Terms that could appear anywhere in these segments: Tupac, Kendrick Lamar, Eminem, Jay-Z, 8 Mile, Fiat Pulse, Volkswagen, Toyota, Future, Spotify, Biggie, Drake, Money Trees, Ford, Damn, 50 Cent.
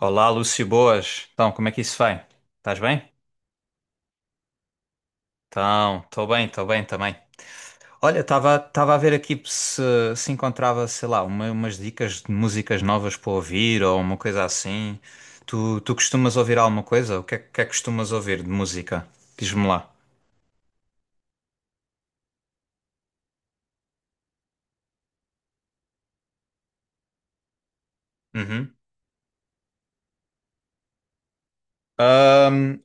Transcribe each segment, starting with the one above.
Olá, Lúcio, boas. Então, como é que isso vai? Estás bem? Então, estou bem também. Olha, estava a ver aqui se encontrava, sei lá, umas dicas de músicas novas para ouvir ou uma coisa assim. Tu costumas ouvir alguma coisa? Que é que costumas ouvir de música? Diz-me lá. Uhum.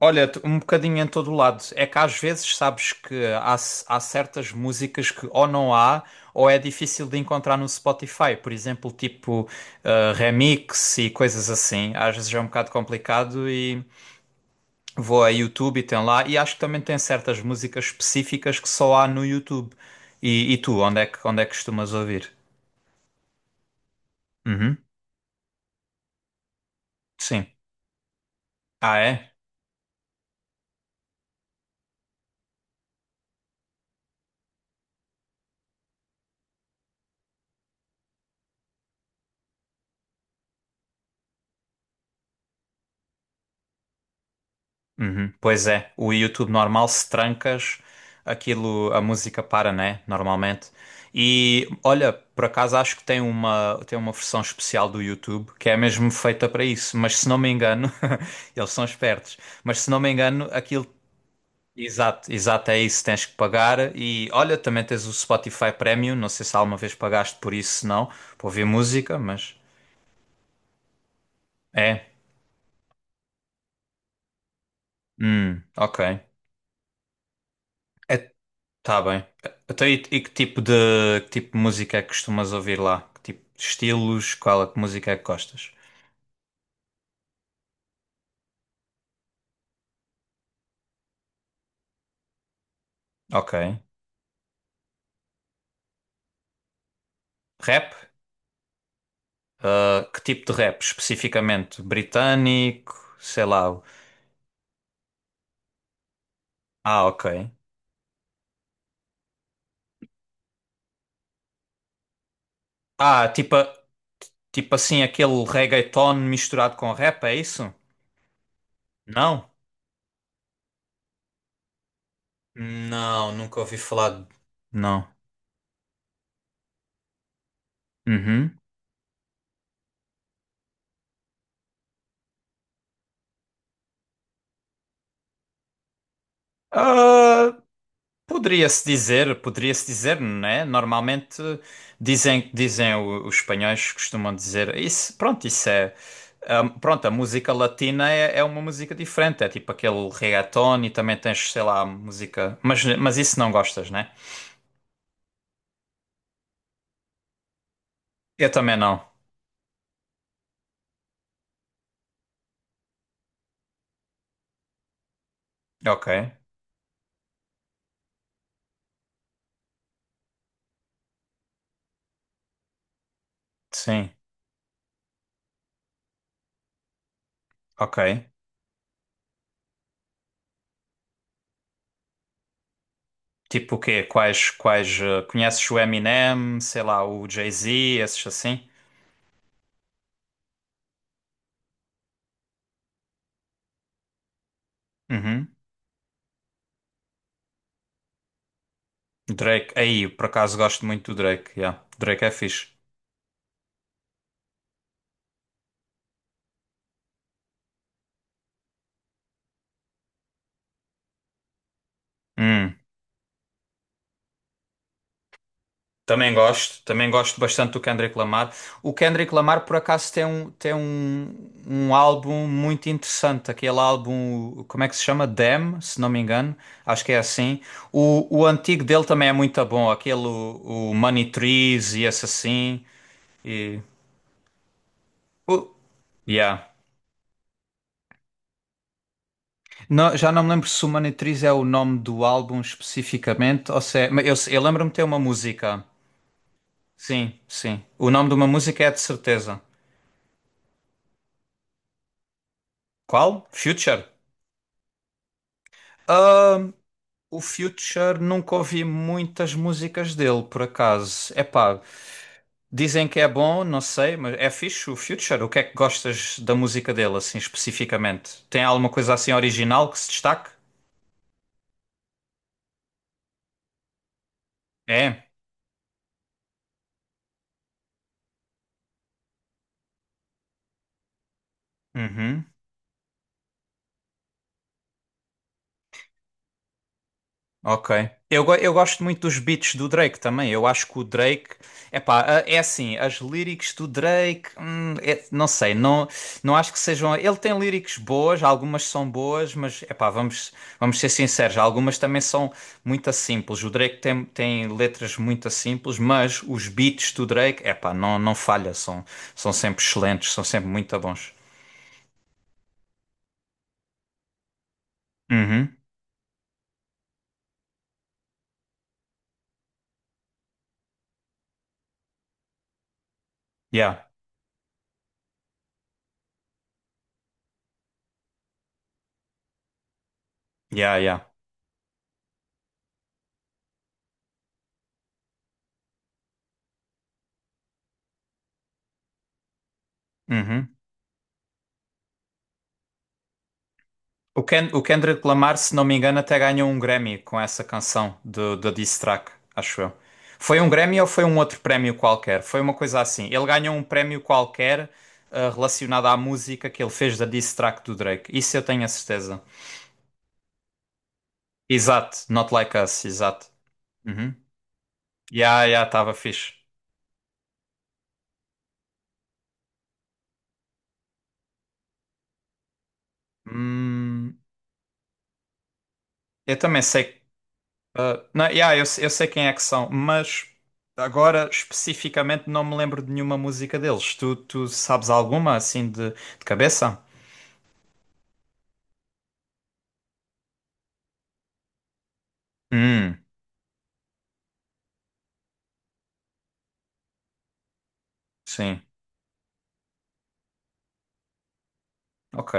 Olha, um bocadinho em todo o lado. É que às vezes sabes que há certas músicas que ou não há ou é difícil de encontrar no Spotify. Por exemplo, tipo remix e coisas assim. Às vezes é um bocado complicado e vou a YouTube e tem lá. E acho que também tem certas músicas específicas que só há no YouTube. E tu, onde é que costumas ouvir? Uhum, sim. Ah, é? Uhum. Pois é, o YouTube normal, se trancas, aquilo, a música para, né? Normalmente. E olha, por acaso acho que tem tem uma versão especial do YouTube que é mesmo feita para isso, mas se não me engano, eles são espertos, mas se não me engano, aquilo. Exato, exato, é isso, tens que pagar. E olha, também tens o Spotify Premium, não sei se alguma vez pagaste por isso, se não, para ouvir música, mas. É. Ok. É. Tá bem. Então, e que tipo de música é que costumas ouvir lá? Que tipo de estilos? Qual é que música é que gostas? Ok. Rap? Ah, que tipo de rap especificamente? Britânico? Sei lá. Ah, ok. Ah, tipo assim, aquele reggaeton misturado com rap, é isso? Não? Não, nunca ouvi falar. Não. Uhum. Poderia-se dizer, não é? Normalmente dizem os espanhóis costumam dizer isso, pronto, isso é, ah, pronto, a música latina é uma música diferente, é tipo aquele reggaeton e também tens, sei lá, música, mas isso não gostas, né? Eu também não. Ok, sim, ok. Tipo o quê? Ah, conheces o Eminem, sei lá, o Jay-Z, esses assim? Uhum. Drake, aí, por acaso gosto muito do Drake, yeah. Drake é fixe. Hum. Também gosto bastante do Kendrick Lamar. O Kendrick Lamar, por acaso, tem um, um álbum muito interessante, aquele álbum, como é que se chama? Damn, se não me engano, acho que é assim. O antigo dele também é muito bom, aquele, o Money Trees e esse assim. E, o- yeah. Não, já não me lembro se o Money Trees é o nome do álbum especificamente, ou se é, mas eu, eu lembro-me de ter uma música. Sim, sim. O nome de uma música é de certeza. Qual? Future? O Future nunca ouvi muitas músicas dele, por acaso. Epá, dizem que é bom, não sei, mas é fixe o Future. O que é que gostas da música dele, assim, especificamente? Tem alguma coisa assim original que se destaque? É? Uhum. Ok. Eu gosto muito dos beats do Drake também. Eu acho que o Drake. Epá, é assim, as lyrics do Drake. Não sei, não, não acho que sejam. Ele tem lyrics boas, algumas são boas, mas epá, vamos, vamos ser sinceros, algumas também são muito simples. O Drake tem, tem letras muito simples, mas os beats do Drake, epá, não, não falha, são, são sempre excelentes, são sempre muito bons. Uhum. Yeah, yeah, yeah. Uhum. O, Ken, o Kendrick Lamar, se não me engano, até ganhou um Grammy com essa canção de diss track, acho eu. Foi um Grammy ou foi um outro prémio qualquer? Foi uma coisa assim. Ele ganhou um prémio qualquer, ah, relacionado à música que ele fez da diss track do Drake. Isso eu tenho a certeza. Exato, Not Like Us, exato. Uhum. Yeah, yeah, estava fixe. Hum, eu também sei. Não, yeah, eu sei quem é que são, mas agora especificamente não me lembro de nenhuma música deles. Tu sabes alguma assim de cabeça? Hum, sim, ok.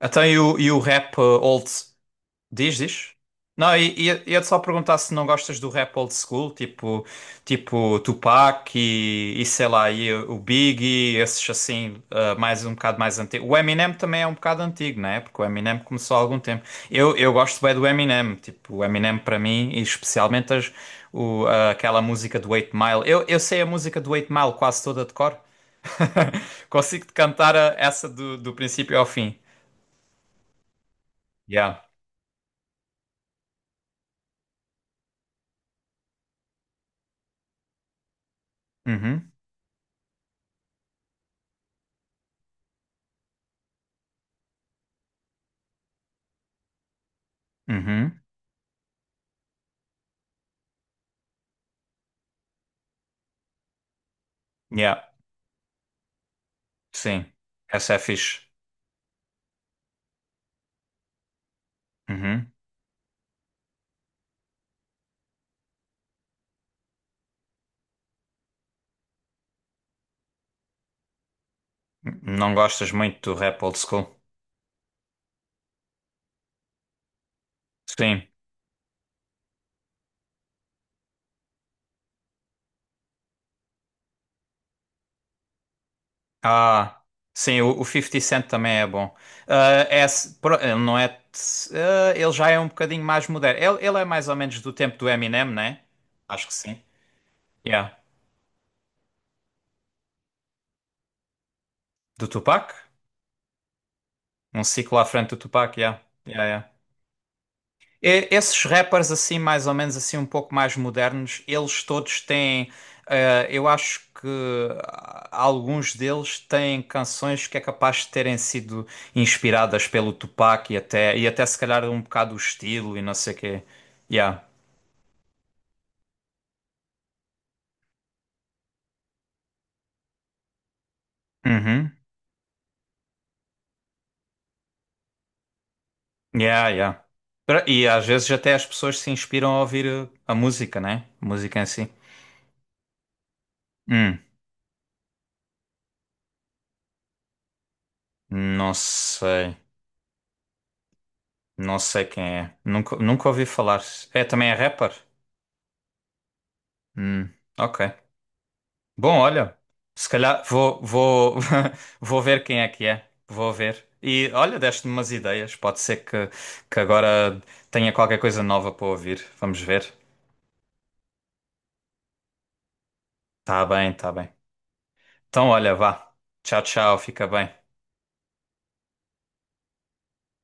Até e o rap old. Diz, diz. Não, e ia-te só perguntar se não gostas do rap old school, tipo, tipo Tupac e sei lá, e o Biggie, esses assim, ah, mais um bocado mais antigo. O Eminem também é um bocado antigo, não é? Porque o Eminem começou há algum tempo. Eu gosto bem do Eminem, tipo, o Eminem para mim, e especialmente as, o, ah, aquela música do 8 Mile. Eu sei a música do 8 Mile quase toda de cor. Consigo-te cantar essa do, do princípio ao fim. Yeah. Uhum. Uhum. Yeah. Sim, essa é fixe. Uhum. Não gostas muito do rap old school? Sim. Ah, sim, o 50 Cent também é bom. Ele não é. Ah, ele já é um bocadinho mais moderno. Ele é mais ou menos do tempo do Eminem, né? Acho que sim. Yeah. Do Tupac? Um ciclo à frente do Tupac, yeah. Yeah, yeah. Esses rappers assim, mais ou menos assim, um pouco mais modernos, eles todos têm, eu acho que ah, alguns deles têm canções que é capaz de terem sido inspiradas pelo Tupac e até se calhar um bocado o estilo e não sei o quê. Yeah. Uhum. Yeah, yeah. E às vezes até as pessoas se inspiram a ouvir a música, né? Música em si. Hum, não sei. Não sei quem é. Nunca, nunca ouvi falar. É, também é rapper? Hum, ok. Bom, olha, se calhar vou, vou, vou ver quem é que é. Vou ver. E olha, deste-me umas ideias. Pode ser que agora tenha qualquer coisa nova para ouvir. Vamos ver. Tá bem, tá bem. Então, olha, vá. Tchau, tchau. Fica bem.